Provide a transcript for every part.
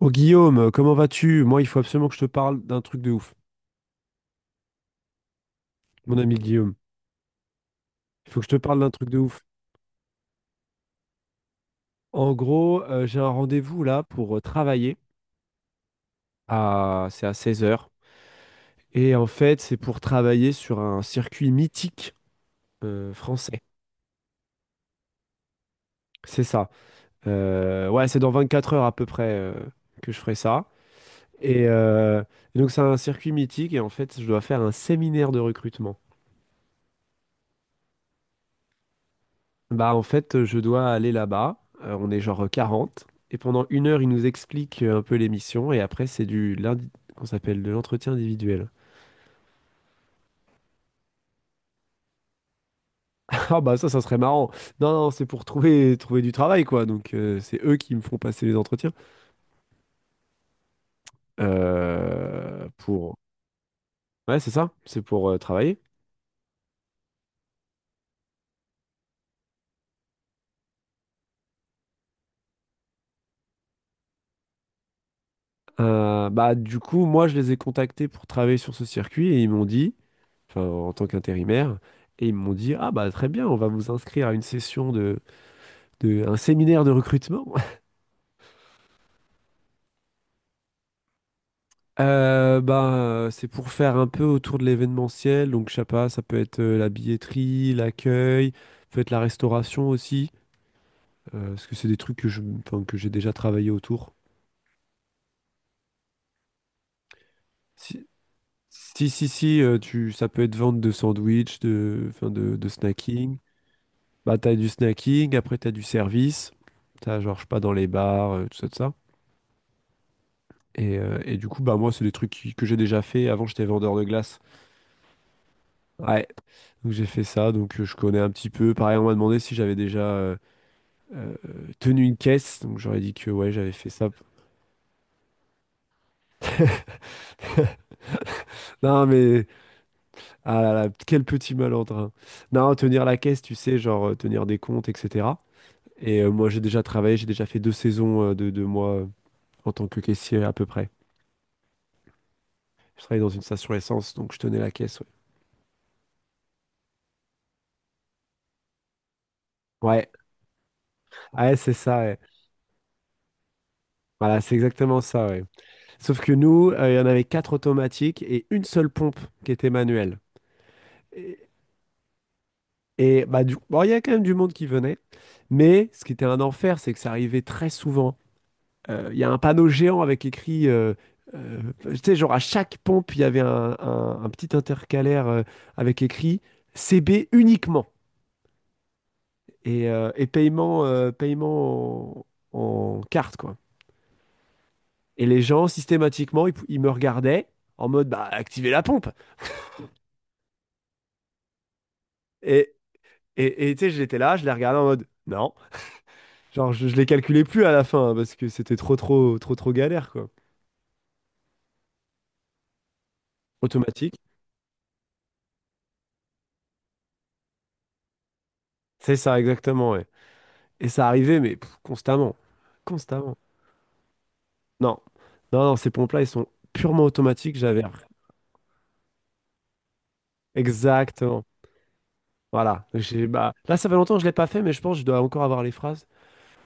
Oh Guillaume, comment vas-tu? Moi, il faut absolument que je te parle d'un truc de ouf, mon ami Guillaume. Il faut que je te parle d'un truc de ouf. En gros, j'ai un rendez-vous là pour travailler à c'est à 16 heures. Et en fait, c'est pour travailler sur un circuit mythique français. C'est ça. Ouais, c'est dans 24 heures à peu près que je ferai ça. Et, euh, et donc, c'est un circuit mythique et en fait, je dois faire un séminaire de recrutement. Bah en fait, je dois aller là-bas. On est genre 40. Et pendant une heure, ils nous expliquent un peu l'émission. Et après, c'est du lundi qu'on s'appelle de l'entretien individuel. Ah bah ça, ça serait marrant. Non, non, c'est pour trouver du travail, quoi. Donc c'est eux qui me font passer les entretiens. Pour. Ouais, c'est ça. C'est pour travailler. Bah du coup, moi, je les ai contactés pour travailler sur ce circuit. Et ils m'ont dit, enfin en tant qu'intérimaire, et ils m'ont dit, ah bah très bien, on va vous inscrire à une session de un séminaire de recrutement. Bah, c'est pour faire un peu autour de l'événementiel. Donc, je sais pas, ça peut être la billetterie, l'accueil, peut être la restauration aussi, parce que c'est des trucs enfin, que j'ai déjà travaillé autour. Si, si, si, si, ça peut être vente de sandwich, enfin, de snacking. Bah, t'as du snacking, après t'as du service. T'as genre, je sais pas, dans les bars, tout ça, tout ça. Et du coup, bah, moi, c'est des trucs que j'ai déjà fait. Avant, j'étais vendeur de glace. Ouais. Donc j'ai fait ça, donc je connais un petit peu. Pareil, on m'a demandé si j'avais déjà euh, tenu une caisse, donc j'aurais dit que ouais, j'avais fait ça. Non mais, ah là là, quel petit malordre, hein. Non, tenir la caisse, tu sais, genre tenir des comptes, etc. Et moi j'ai déjà travaillé, j'ai déjà fait 2 saisons de moi en tant que caissier à peu près. Je travaillais dans une station essence, donc je tenais la caisse, ouais. Ouais, ouais, c'est ça, ouais. Voilà, c'est exactement ça, ouais. Sauf que nous, il y en avait 4 automatiques et une seule pompe qui était manuelle. Et bah, du bon, il y a quand même du monde qui venait. Mais ce qui était un enfer, c'est que ça arrivait très souvent. Il y a un panneau géant avec écrit, tu sais, genre à chaque pompe, il y avait un petit intercalaire avec écrit CB uniquement. Et paiement en carte, quoi. Et les gens, systématiquement, ils me regardaient en mode, bah, activez la pompe. Et, et, tu sais, j'étais là, je les regardais en mode, non. Genre, je les calculais plus à la fin, hein, parce que c'était trop, trop, trop, trop galère, quoi. Automatique. C'est ça, exactement, ouais. Et ça arrivait, mais pff, constamment. Constamment. Non. Non, non, ces pompes-là, ils sont purement automatiques, j'avais. Exactement. Voilà. Bah, là, ça fait longtemps que je l'ai pas fait, mais je pense que je dois encore avoir les phrases.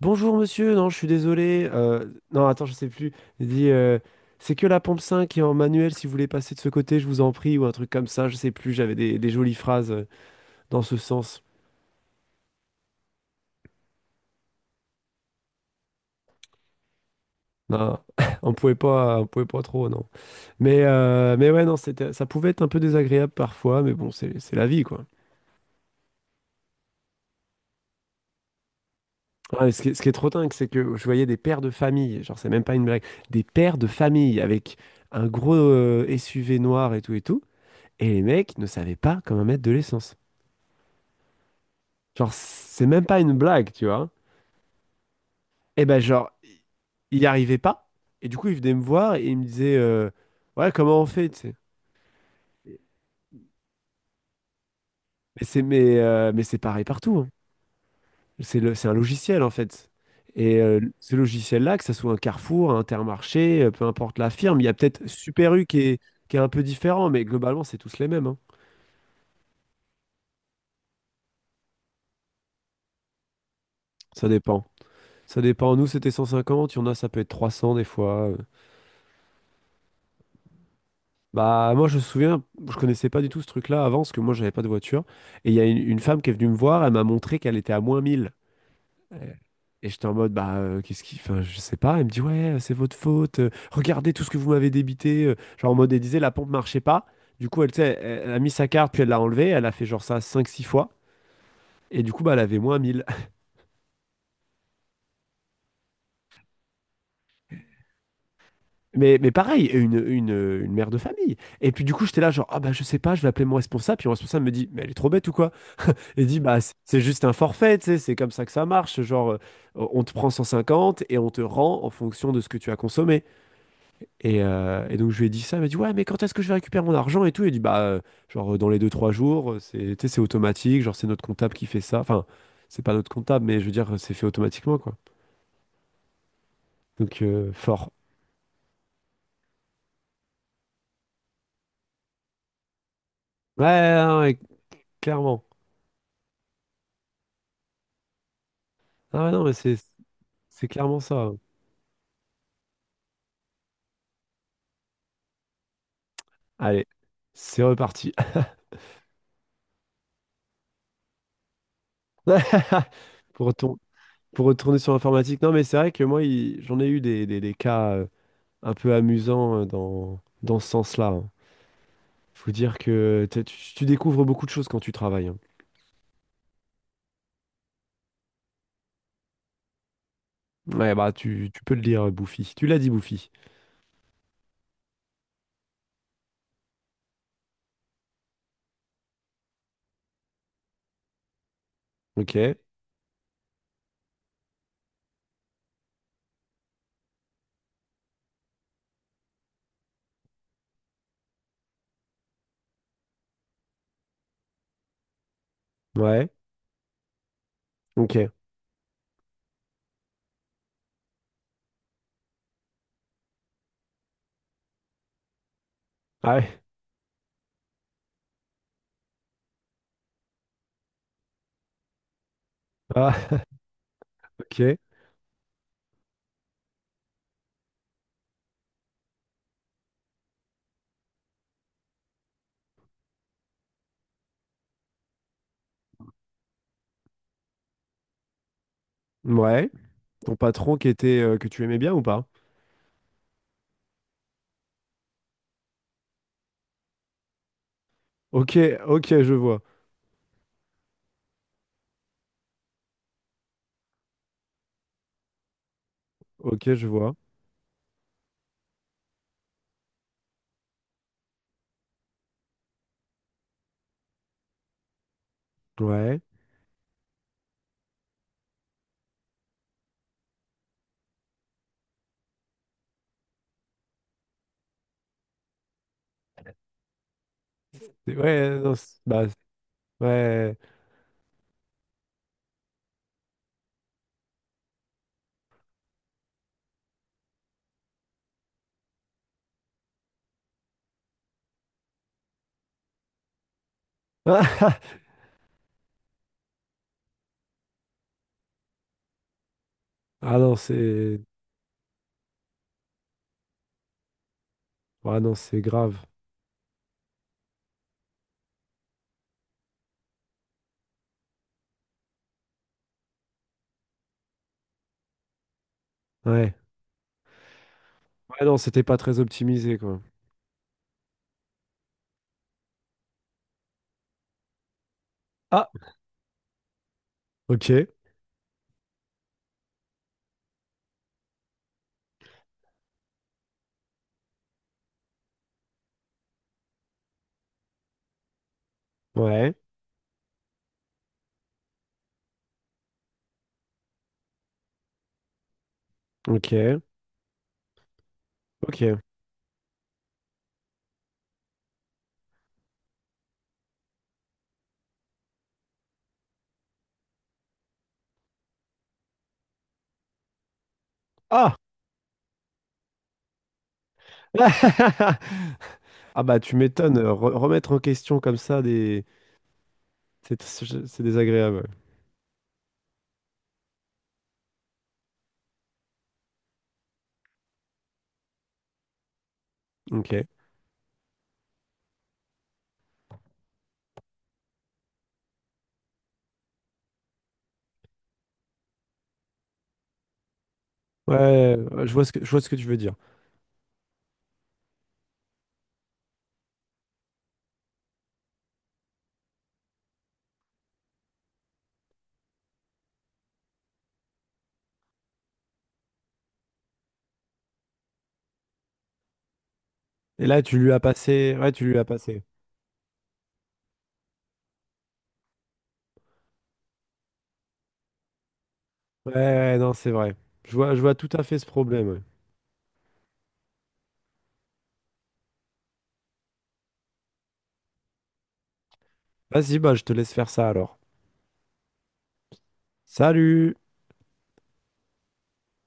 Bonjour, monsieur. Non, je suis désolé. Non, attends, je sais plus. Il dit, c'est que la pompe 5 qui est en manuel. Si vous voulez passer de ce côté, je vous en prie. Ou un truc comme ça, je sais plus. J'avais des jolies phrases dans ce sens. Non, on pouvait pas trop, non. Mais ouais, non, ça pouvait être un peu désagréable parfois, mais bon, c'est la vie, quoi. Ouais, et est ce qui est trop dingue, c'est que je voyais des pères de famille, genre, c'est même pas une blague, des pères de famille avec un gros SUV noir et tout et tout, et les mecs ne savaient pas comment mettre de l'essence. Genre, c'est même pas une blague, tu vois. Et ben, genre, il n'y arrivait pas. Et du coup, il venait me voir et il me disait, ouais, comment on fait, tu sais. Mais c'est pareil partout, hein. C'est un logiciel en fait. Et ce logiciel-là, que ce soit un Carrefour, un Intermarché, peu importe la firme, il y a peut-être Super U qui est un peu différent, mais globalement, c'est tous les mêmes, hein. Ça dépend. Ça dépend. Nous, c'était 150 il y en a, ça peut être 300 des fois. Bah, moi, je me souviens, je connaissais pas du tout ce truc-là avant, parce que moi, j'avais pas de voiture. Et il y a une femme qui est venue me voir, elle m'a montré qu'elle était à -1 000. Et j'étais en mode, bah, qu'est-ce qui enfin, je sais pas. Elle me dit: «Ouais, c'est votre faute, regardez tout ce que vous m'avez débité», genre en mode elle disait la pompe marchait pas. Du coup, elle, tu sais, elle a mis sa carte, puis elle l'a enlevée. Elle a fait genre ça cinq six fois et du coup, bah, elle avait moins 1 000. Mais pareil, une mère de famille et puis du coup, j'étais là genre: «Ah bah, je sais pas, je vais appeler mon responsable», puis mon responsable me dit: «Mais elle est trop bête ou quoi?» Il dit: «Bah, c'est juste un forfait, tu sais, c'est comme ça que ça marche, genre, on te prend 150 et on te rend en fonction de ce que tu as consommé». Et donc je lui ai dit ça, il m'a dit ouais mais quand est-ce que je vais récupérer mon argent et tout, il dit bah genre dans les deux trois jours, c'est tu sais, c'est automatique, genre c'est notre comptable qui fait ça, enfin c'est pas notre comptable mais je veux dire c'est fait automatiquement quoi. Donc fort. Ouais, ouais, ouais, ouais, clairement. Ah ouais, non mais c'est clairement ça. Allez, c'est reparti. Pour retour- pour retourner sur l'informatique, non mais c'est vrai que moi j'en ai eu des cas un peu amusants dans ce sens-là, hein. Faut dire que tu découvres beaucoup de choses quand tu travailles, hein. Ouais, bah tu peux le dire, Bouffy. Tu l'as dit, Bouffy. Ok. Ouais. Ok. Ah ouais. Ah, ok. Ouais. Ton patron qui était que tu aimais bien ou pas? Ok, ok, je vois. Ok, je vois. Ouais. Ouais, non, bah, ouais. Ah non, c'est. Ah non, c'est grave. Ouais. Ouais, non, c'était pas très optimisé, quoi. Ah, ok. Ouais. Ok. Ok. Ah! Ah bah tu m'étonnes, remettre en question comme ça. C'est désagréable. Ok. Ouais, ouais, ouais, ouais, je vois ce que tu veux dire. Et là, tu lui as passé. Ouais, tu lui as passé. Ouais, ouais, ouais, non, c'est vrai. Je vois tout à fait ce problème, ouais. Vas-y, bah, je te laisse faire ça alors. Salut!